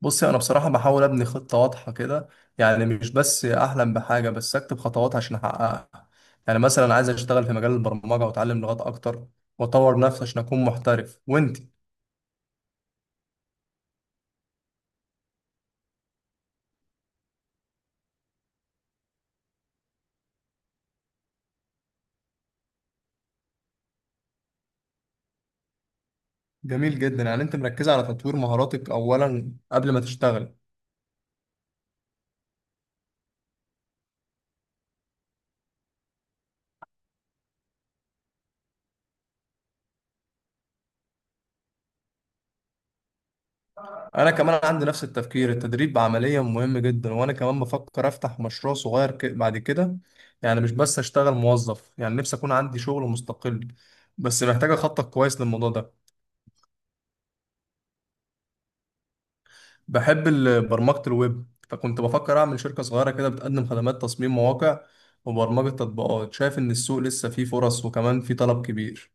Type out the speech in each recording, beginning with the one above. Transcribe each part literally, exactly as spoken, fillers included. بصي، انا بصراحه بحاول ابني خطه واضحه كده. يعني مش بس احلم بحاجه، بس اكتب خطوات عشان احققها. يعني مثلا عايز اشتغل في مجال البرمجه واتعلم لغات اكتر، واطور نفسي عشان اكون محترف. وانت؟ جميل جدا، يعني انت مركزه على تطوير مهاراتك اولا قبل ما تشتغل. انا كمان عندي نفس التفكير، التدريب عمليا مهم جدا. وانا كمان بفكر افتح مشروع صغير ك- بعد كده. يعني مش بس اشتغل موظف، يعني نفسي اكون عندي شغل مستقل، بس محتاجه اخطط كويس للموضوع ده. بحب ال- برمجة الويب، فكنت بفكر أعمل شركة صغيرة كده بتقدم خدمات تصميم مواقع وبرمجة تطبيقات. شايف إن السوق لسه فيه فرص، وكمان فيه طلب كبير.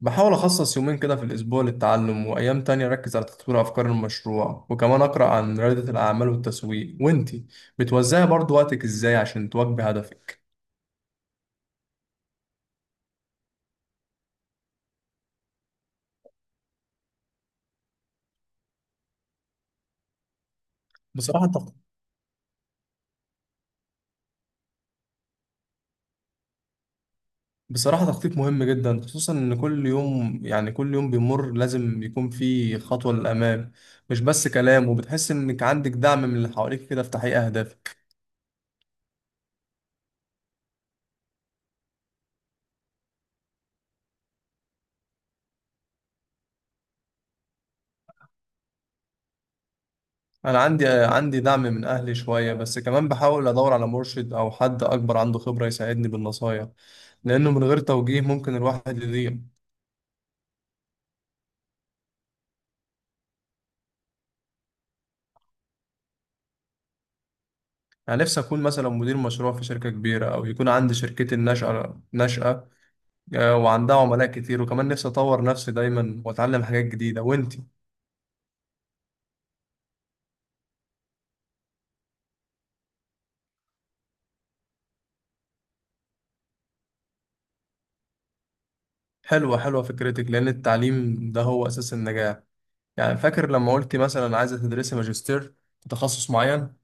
بحاول أخصص يومين كده في الأسبوع للتعلم، وأيام تانية أركز على تطوير أفكار المشروع، وكمان أقرأ عن ريادة الأعمال والتسويق. وإنتي بتوزعي برضو وقتك إزاي عشان تواكبي هدفك؟ بصراحة بصراحة تخطيط مهم جدا، خصوصا إن كل يوم يعني كل يوم بيمر لازم يكون فيه خطوة للأمام، مش بس كلام. وبتحس إنك عندك دعم من اللي حواليك كده في تحقيق أهدافك؟ أنا عندي آه، عندي دعم من أهلي شوية، بس كمان بحاول أدور على مرشد أو حد أكبر عنده خبرة يساعدني بالنصايح، لأنه من غير توجيه ممكن الواحد يضيع. أنا نفسي أكون مثلا مدير مشروع في شركة كبيرة، أو يكون عندي شركتي الناشئة ناشئة آه، وعندها عملاء كتير، وكمان نفسي أطور نفسي دايما وأتعلم حاجات جديدة. وأنت؟ حلوة حلوة فكرتك، لأن التعليم ده هو أساس النجاح. يعني فاكر لما قلت مثلا عايزة تدرسي ماجستير في تخصص معين.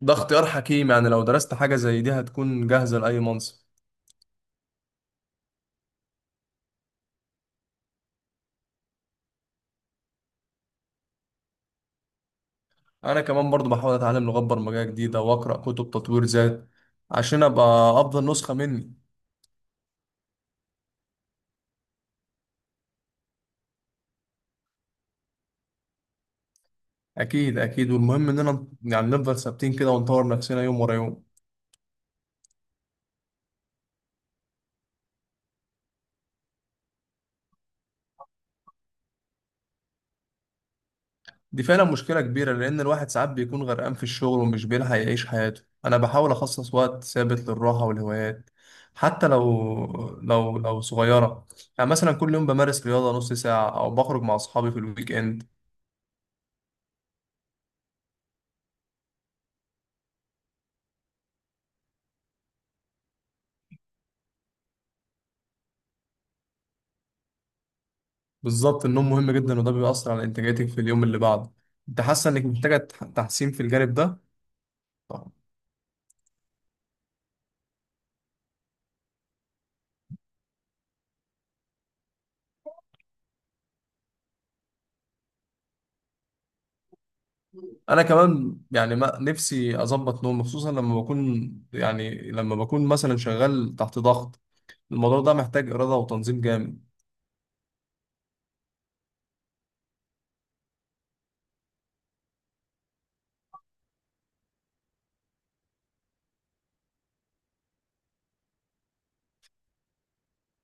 ده اختيار حكيم، يعني لو درست حاجة زي دي هتكون جاهزة لأي منصب. أنا كمان برضو بحاول أتعلم لغات برمجية جديدة وأقرأ كتب تطوير ذات، عشان أبقى أفضل نسخة مني. أكيد أكيد، والمهم إننا يعني نفضل ثابتين كده ونطور نفسنا يوم ورا يوم. دي فعلا مشكلة كبيرة، لأن الواحد ساعات بيكون غرقان في الشغل ومش بيلحق يعيش حياته. أنا بحاول أخصص وقت ثابت للراحة والهوايات، حتى لو لو لو صغيرة. يعني مثلا كل يوم بمارس رياضة نص ساعة، أو بخرج مع أصحابي في الويك إند. بالظبط، النوم مهم جدا، وده بيأثر على إنتاجيتك في اليوم اللي بعده. أنت حاسة إنك محتاجة تح- تحسين في الجانب ده؟ طبعاً. أنا كمان يعني ما نفسي أظبط نومي، خصوصا لما بكون يعني لما بكون مثلا شغال تحت ضغط. الموضوع ده محتاج إرادة وتنظيم جامد.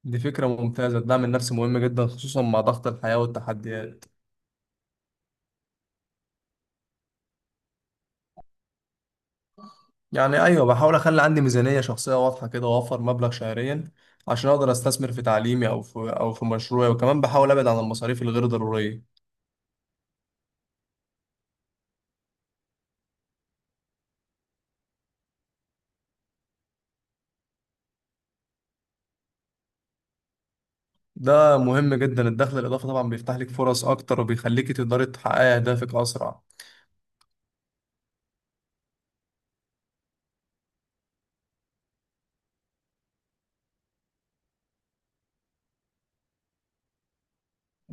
دي فكرة ممتازة، الدعم النفسي مهم جدا، خصوصا مع ضغط الحياة والتحديات. يعني أيوة، بحاول أخلي عندي ميزانية شخصية واضحة كده، وأوفر مبلغ شهريا عشان أقدر أستثمر في تعليمي أو في أو في مشروعي، وكمان بحاول أبعد عن المصاريف الغير ضرورية. ده مهم جدا، الدخل الإضافي طبعا بيفتح لك فرص أكتر، وبيخليك تقدري تحققي أهدافك أسرع.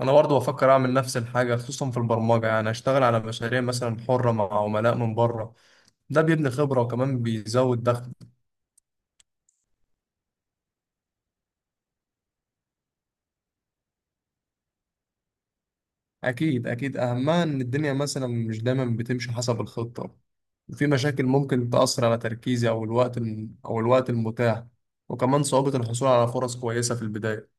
أنا برضه بفكر أعمل نفس الحاجة، خصوصا في البرمجة. يعني أشتغل على مشاريع مثلا حرة مع عملاء من بره، ده بيبني خبرة وكمان بيزود دخل. أكيد أكيد، أهمها إن الدنيا مثلا مش دايما بتمشي حسب الخطة، وفي مشاكل ممكن تأثر على تركيزي أو الوقت الم... أو الوقت المتاح، وكمان صعوبة الحصول على فرص كويسة في البداية.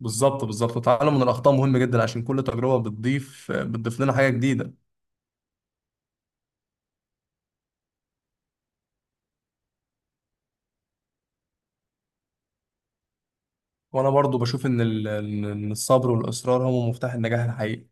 بالظبط بالظبط، التعلم من الأخطاء مهم جدا، عشان كل تجربة بتضيف بتضيف لنا حاجة جديدة. وأنا برضو بشوف إن ال... إن الصبر والإصرار هم مفتاح النجاح الحقيقي.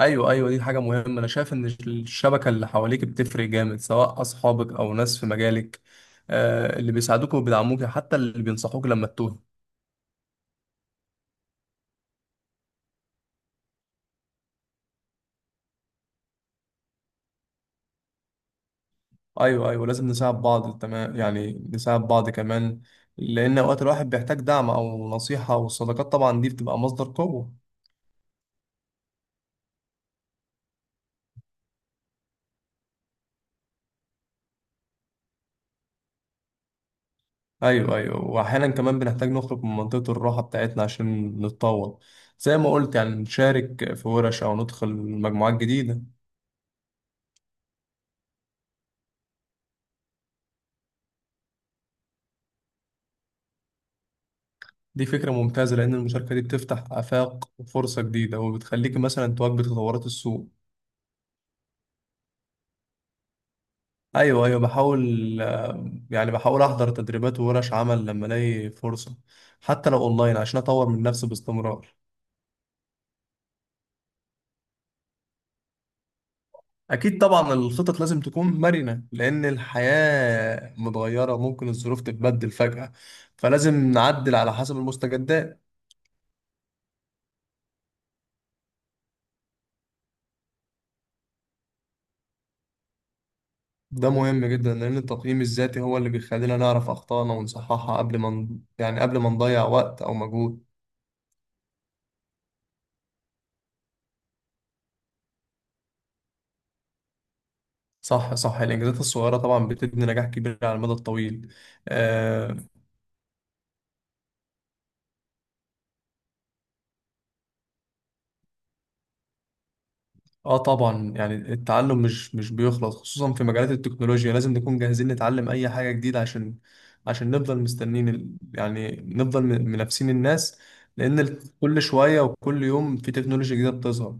ايوه ايوه، دي حاجه مهمه. انا شايف ان الشبكه اللي حواليك بتفرق جامد، سواء اصحابك او ناس في مجالك، آه اللي بيساعدوك وبيدعموك، حتى اللي بينصحوك لما تتوه. ايوه ايوه، لازم نساعد بعض. تمام، يعني نساعد بعض كمان، لان اوقات الواحد بيحتاج دعم او نصيحه، والصداقات طبعا دي بتبقى مصدر قوه. ايوه ايوه، واحيانا كمان بنحتاج نخرج من منطقه الراحه بتاعتنا عشان نتطور. زي ما قلت، يعني نشارك في ورش او ندخل مجموعات جديده. دي فكرة ممتازة، لأن المشاركة دي بتفتح آفاق وفرصة جديدة، وبتخليك مثلا تواكب تطورات السوق. أيوه أيوه، بحاول آه، يعني بحاول أحضر تدريبات وورش عمل لما ألاقي فرصة، حتى لو أونلاين، عشان أطور من نفسي باستمرار. أكيد طبعا، الخطط لازم تكون مرنة، لأن الحياة متغيرة وممكن الظروف تتبدل فجأة، فلازم نعدل على حسب المستجدات. ده مهم جدا، لأن التقييم الذاتي هو اللي بيخلينا نعرف أخطائنا ونصححها قبل ما ن- يعني قبل ما نضيع وقت أو مجهود. صح صح، الإنجازات الصغيرة طبعا بتبني نجاح كبير على المدى الطويل. آه. آه، طبعا، يعني التعلم مش مش بيخلص، خصوصا في مجالات التكنولوجيا. لازم نكون جاهزين نتعلم أي حاجة جديدة، عشان عشان نفضل مستنين ال- يعني نفضل م- منافسين الناس، لأن ال- كل شوية وكل يوم في تكنولوجيا جديدة بتظهر.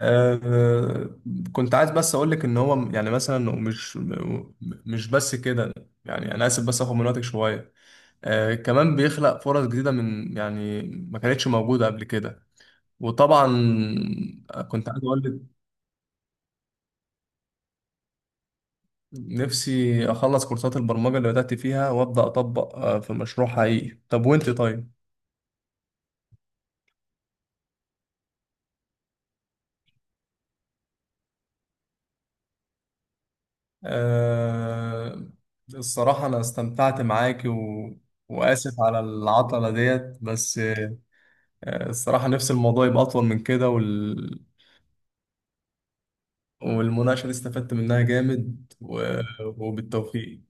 آه، كنت عايز بس اقول لك ان هو م- يعني مثلا مش م- مش بس كده. يعني انا اسف بس اخد من وقتك شويه. آه، كمان بيخلق فرص جديده من، يعني، ما كانتش موجوده قبل كده. وطبعا كنت عايز اقول لك نفسي اخلص كورسات البرمجه اللي بدات فيها وابدا اطبق آه، في مشروع حقيقي. طب وانت؟ طيب. آه، الصراحه انا استمتعت معاكي و... واسف على العطله ديت بس. آه، الصراحة نفس الموضوع يبقى أطول من كده وال... والمناقشة دي استفدت منها جامد و... وبالتوفيق.